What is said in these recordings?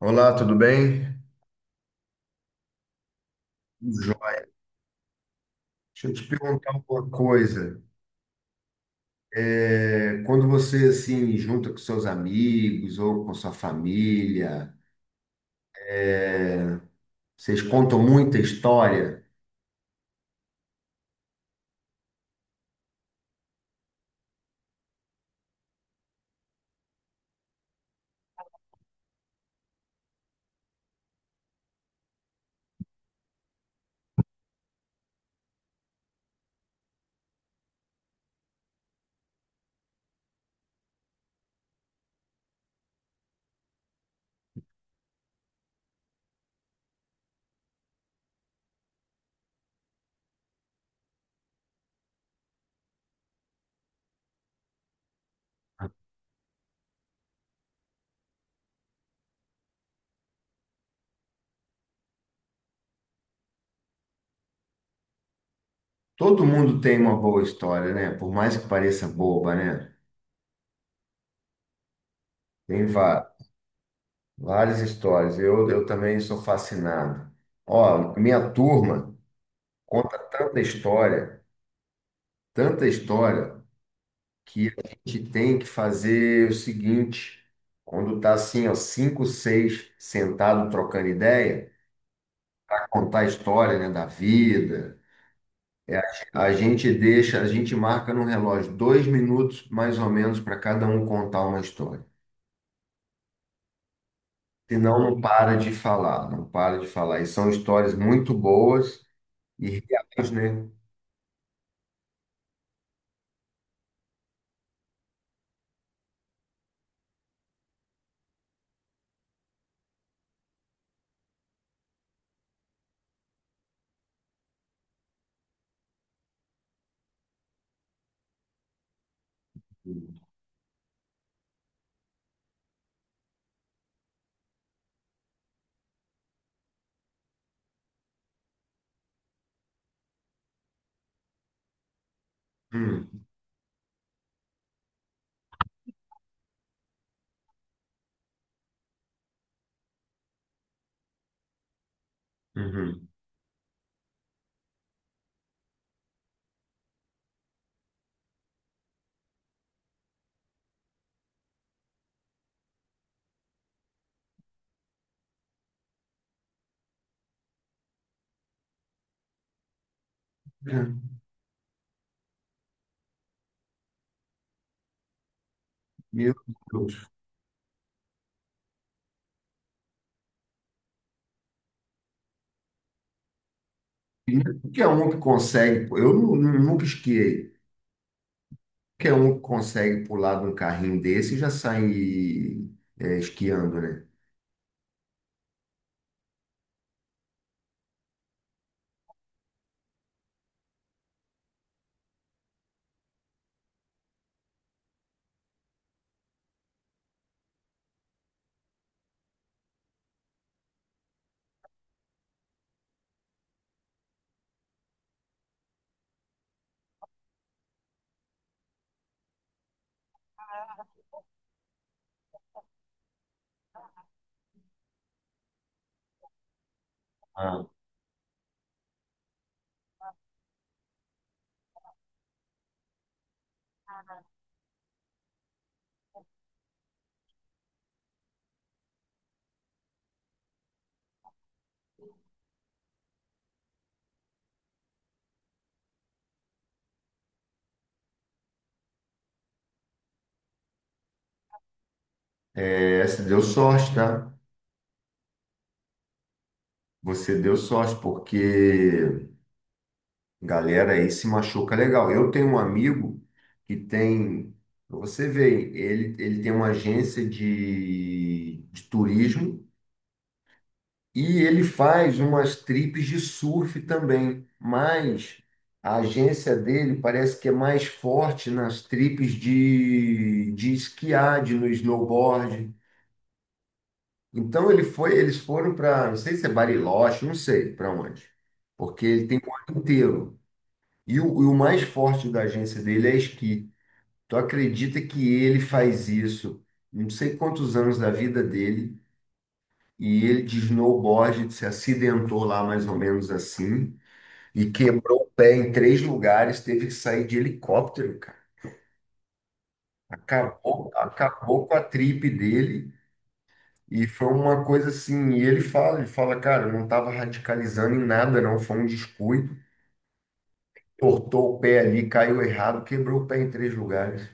Olá, tudo bem? Hum. Joia. Deixa eu te perguntar uma coisa. Quando você assim junta com seus amigos ou com sua família, é, vocês contam muita história. Todo mundo tem uma boa história, né? Por mais que pareça boba, né? Tem va- Várias histórias. Eu também sou fascinado. Ó, minha turma conta tanta história, tanta história. Que a gente tem que fazer é o seguinte, quando tá assim, ó, cinco, seis sentado trocando ideia, contar a história, né, da vida, é, a gente deixa, a gente marca no relógio dois minutos mais ou menos para cada um contar uma história. Senão não para de falar, não para de falar. E são histórias muito boas e reais, né? Hum, uhum. É. Meu Deus. E não é qualquer um que consegue, pô. Nunca esquiei. Qualquer um consegue pular de um carrinho desse e já sai, é, esquiando, né? Ah. Essa deu sorte, tá? Você deu sorte, porque galera aí se machuca legal. Eu tenho um amigo que tem, pra você ver, ele tem uma agência de turismo. E ele faz umas trips de surf também, mas a agência dele parece que é mais forte nas trips de esquiar, de no snowboard. Então ele foi, eles foram para, não sei se é Bariloche, não sei para onde, porque ele tem o ano inteiro. E o mais forte da agência dele é esqui. Tu acredita que ele faz isso? Não sei quantos anos da vida dele. E ele de snowboard se acidentou lá mais ou menos assim. E quebrou o pé em três lugares, teve que sair de helicóptero, cara. Acabou, acabou com a trip dele. E foi uma coisa assim, e ele fala, cara, eu não estava radicalizando em nada, não, foi um descuido. Tortou o pé ali, caiu errado, quebrou o pé em três lugares.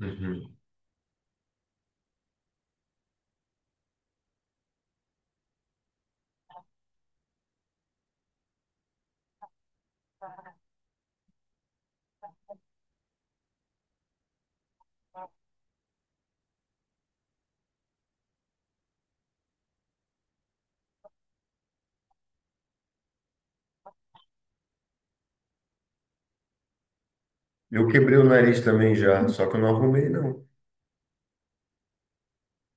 Uhum. Eu quebrei o nariz também já, só que eu não arrumei, não.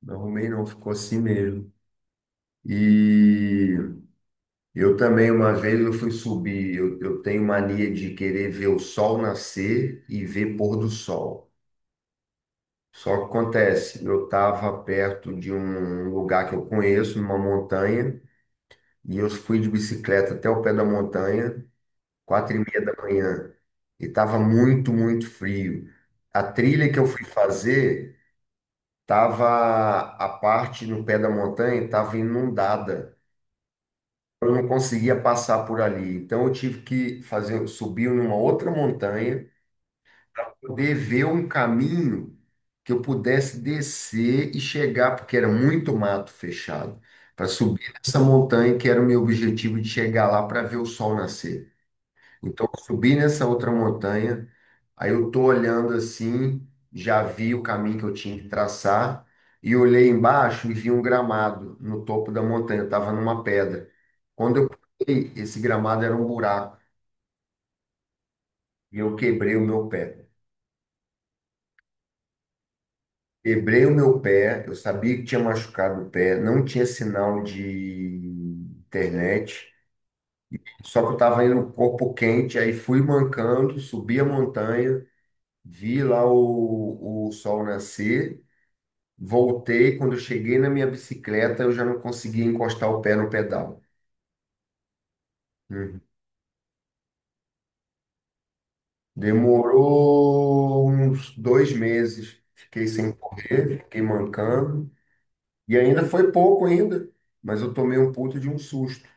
Não arrumei, não, ficou assim mesmo. E eu também, uma vez eu fui subir, eu tenho mania de querer ver o sol nascer e ver pôr do sol. Só que acontece, eu estava perto de um lugar que eu conheço, numa montanha, e eu fui de bicicleta até o pé da montanha, 4:30 da manhã, e estava muito, muito frio. A trilha que eu fui fazer, tava a parte no pé da montanha estava inundada. Eu não conseguia passar por ali. Então eu tive que fazer, subir numa outra montanha, poder ver um caminho que eu pudesse descer e chegar, porque era muito mato fechado, para subir essa montanha que era o meu objetivo de chegar lá para ver o sol nascer. Então, eu subi nessa outra montanha, aí eu tô olhando assim, já vi o caminho que eu tinha que traçar, e olhei embaixo e vi um gramado no topo da montanha, eu estava numa pedra. Quando eu pulei, esse gramado era um buraco, e eu quebrei o meu pé. Quebrei o meu pé, eu sabia que tinha machucado o pé, não tinha sinal de internet, só que eu estava indo com o corpo quente, aí fui mancando, subi a montanha, vi lá o sol nascer. Voltei, quando eu cheguei na minha bicicleta, eu já não conseguia encostar o pé no pedal. Uhum. Demorou uns dois meses. Fiquei sem correr, fiquei mancando. E ainda foi pouco ainda, mas eu tomei um puto de um susto.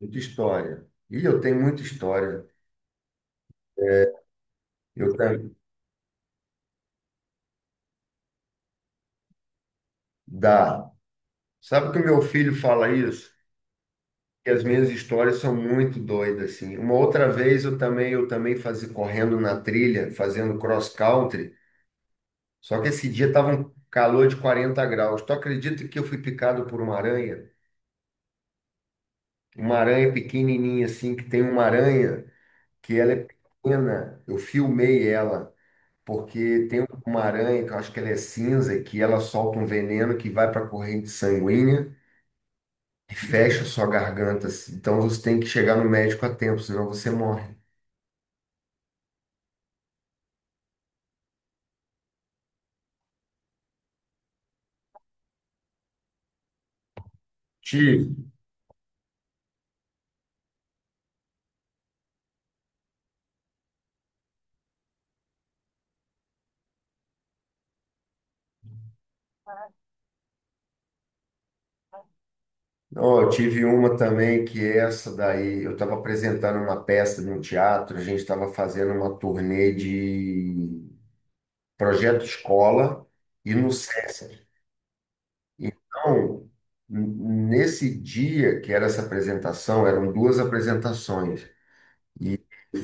Muita história. E eu tenho muita história. Eu tenho... Dá. Sabe que o meu filho fala isso? Que as minhas histórias são muito doidas, assim. Uma outra vez eu também fazia correndo na trilha, fazendo cross country. Só que esse dia tava um calor de 40 graus. Tu acredita que eu fui picado por uma aranha? Uma aranha pequenininha assim, que tem uma aranha que ela é pequena. Eu filmei ela, porque tem uma aranha que eu acho que ela é cinza, que ela solta um veneno que vai para a corrente sanguínea e fecha sua garganta. Assim. Então você tem que chegar no médico a tempo, senão você morre. Te... Ó, eu tive uma também que essa daí, eu estava apresentando uma peça num teatro, a gente estava fazendo uma turnê de projeto escola e no SESC. Então, nesse dia que era essa apresentação, eram duas apresentações.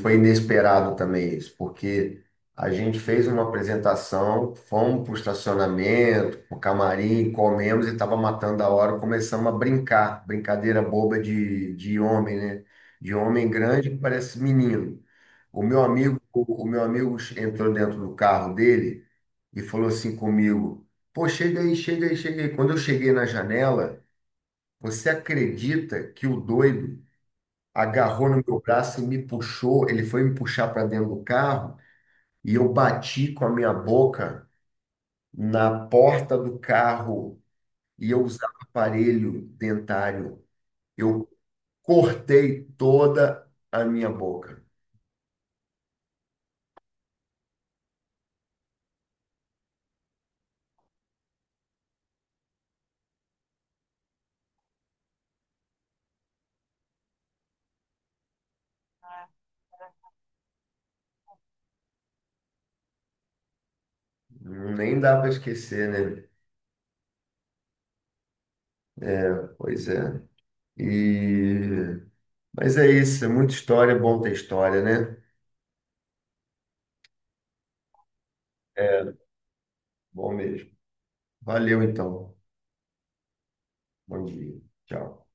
Foi inesperado também isso, porque a gente fez uma apresentação, fomos para o estacionamento, para o camarim, comemos e estava matando a hora, começamos a brincar, brincadeira boba de homem, né? De homem grande que parece menino. O meu amigo entrou dentro do carro dele e falou assim comigo: Pô, chega aí, chega aí, chega aí. Quando eu cheguei na janela, você acredita que o doido agarrou no meu braço e me puxou. Ele foi me puxar para dentro do carro e eu bati com a minha boca na porta do carro e eu usava aparelho dentário. Eu cortei toda a minha boca. Nem dá para esquecer, né? É, pois é. E... Mas é isso, é muita história, é bom ter história, né? É, bom mesmo. Valeu então. Bom dia. Tchau.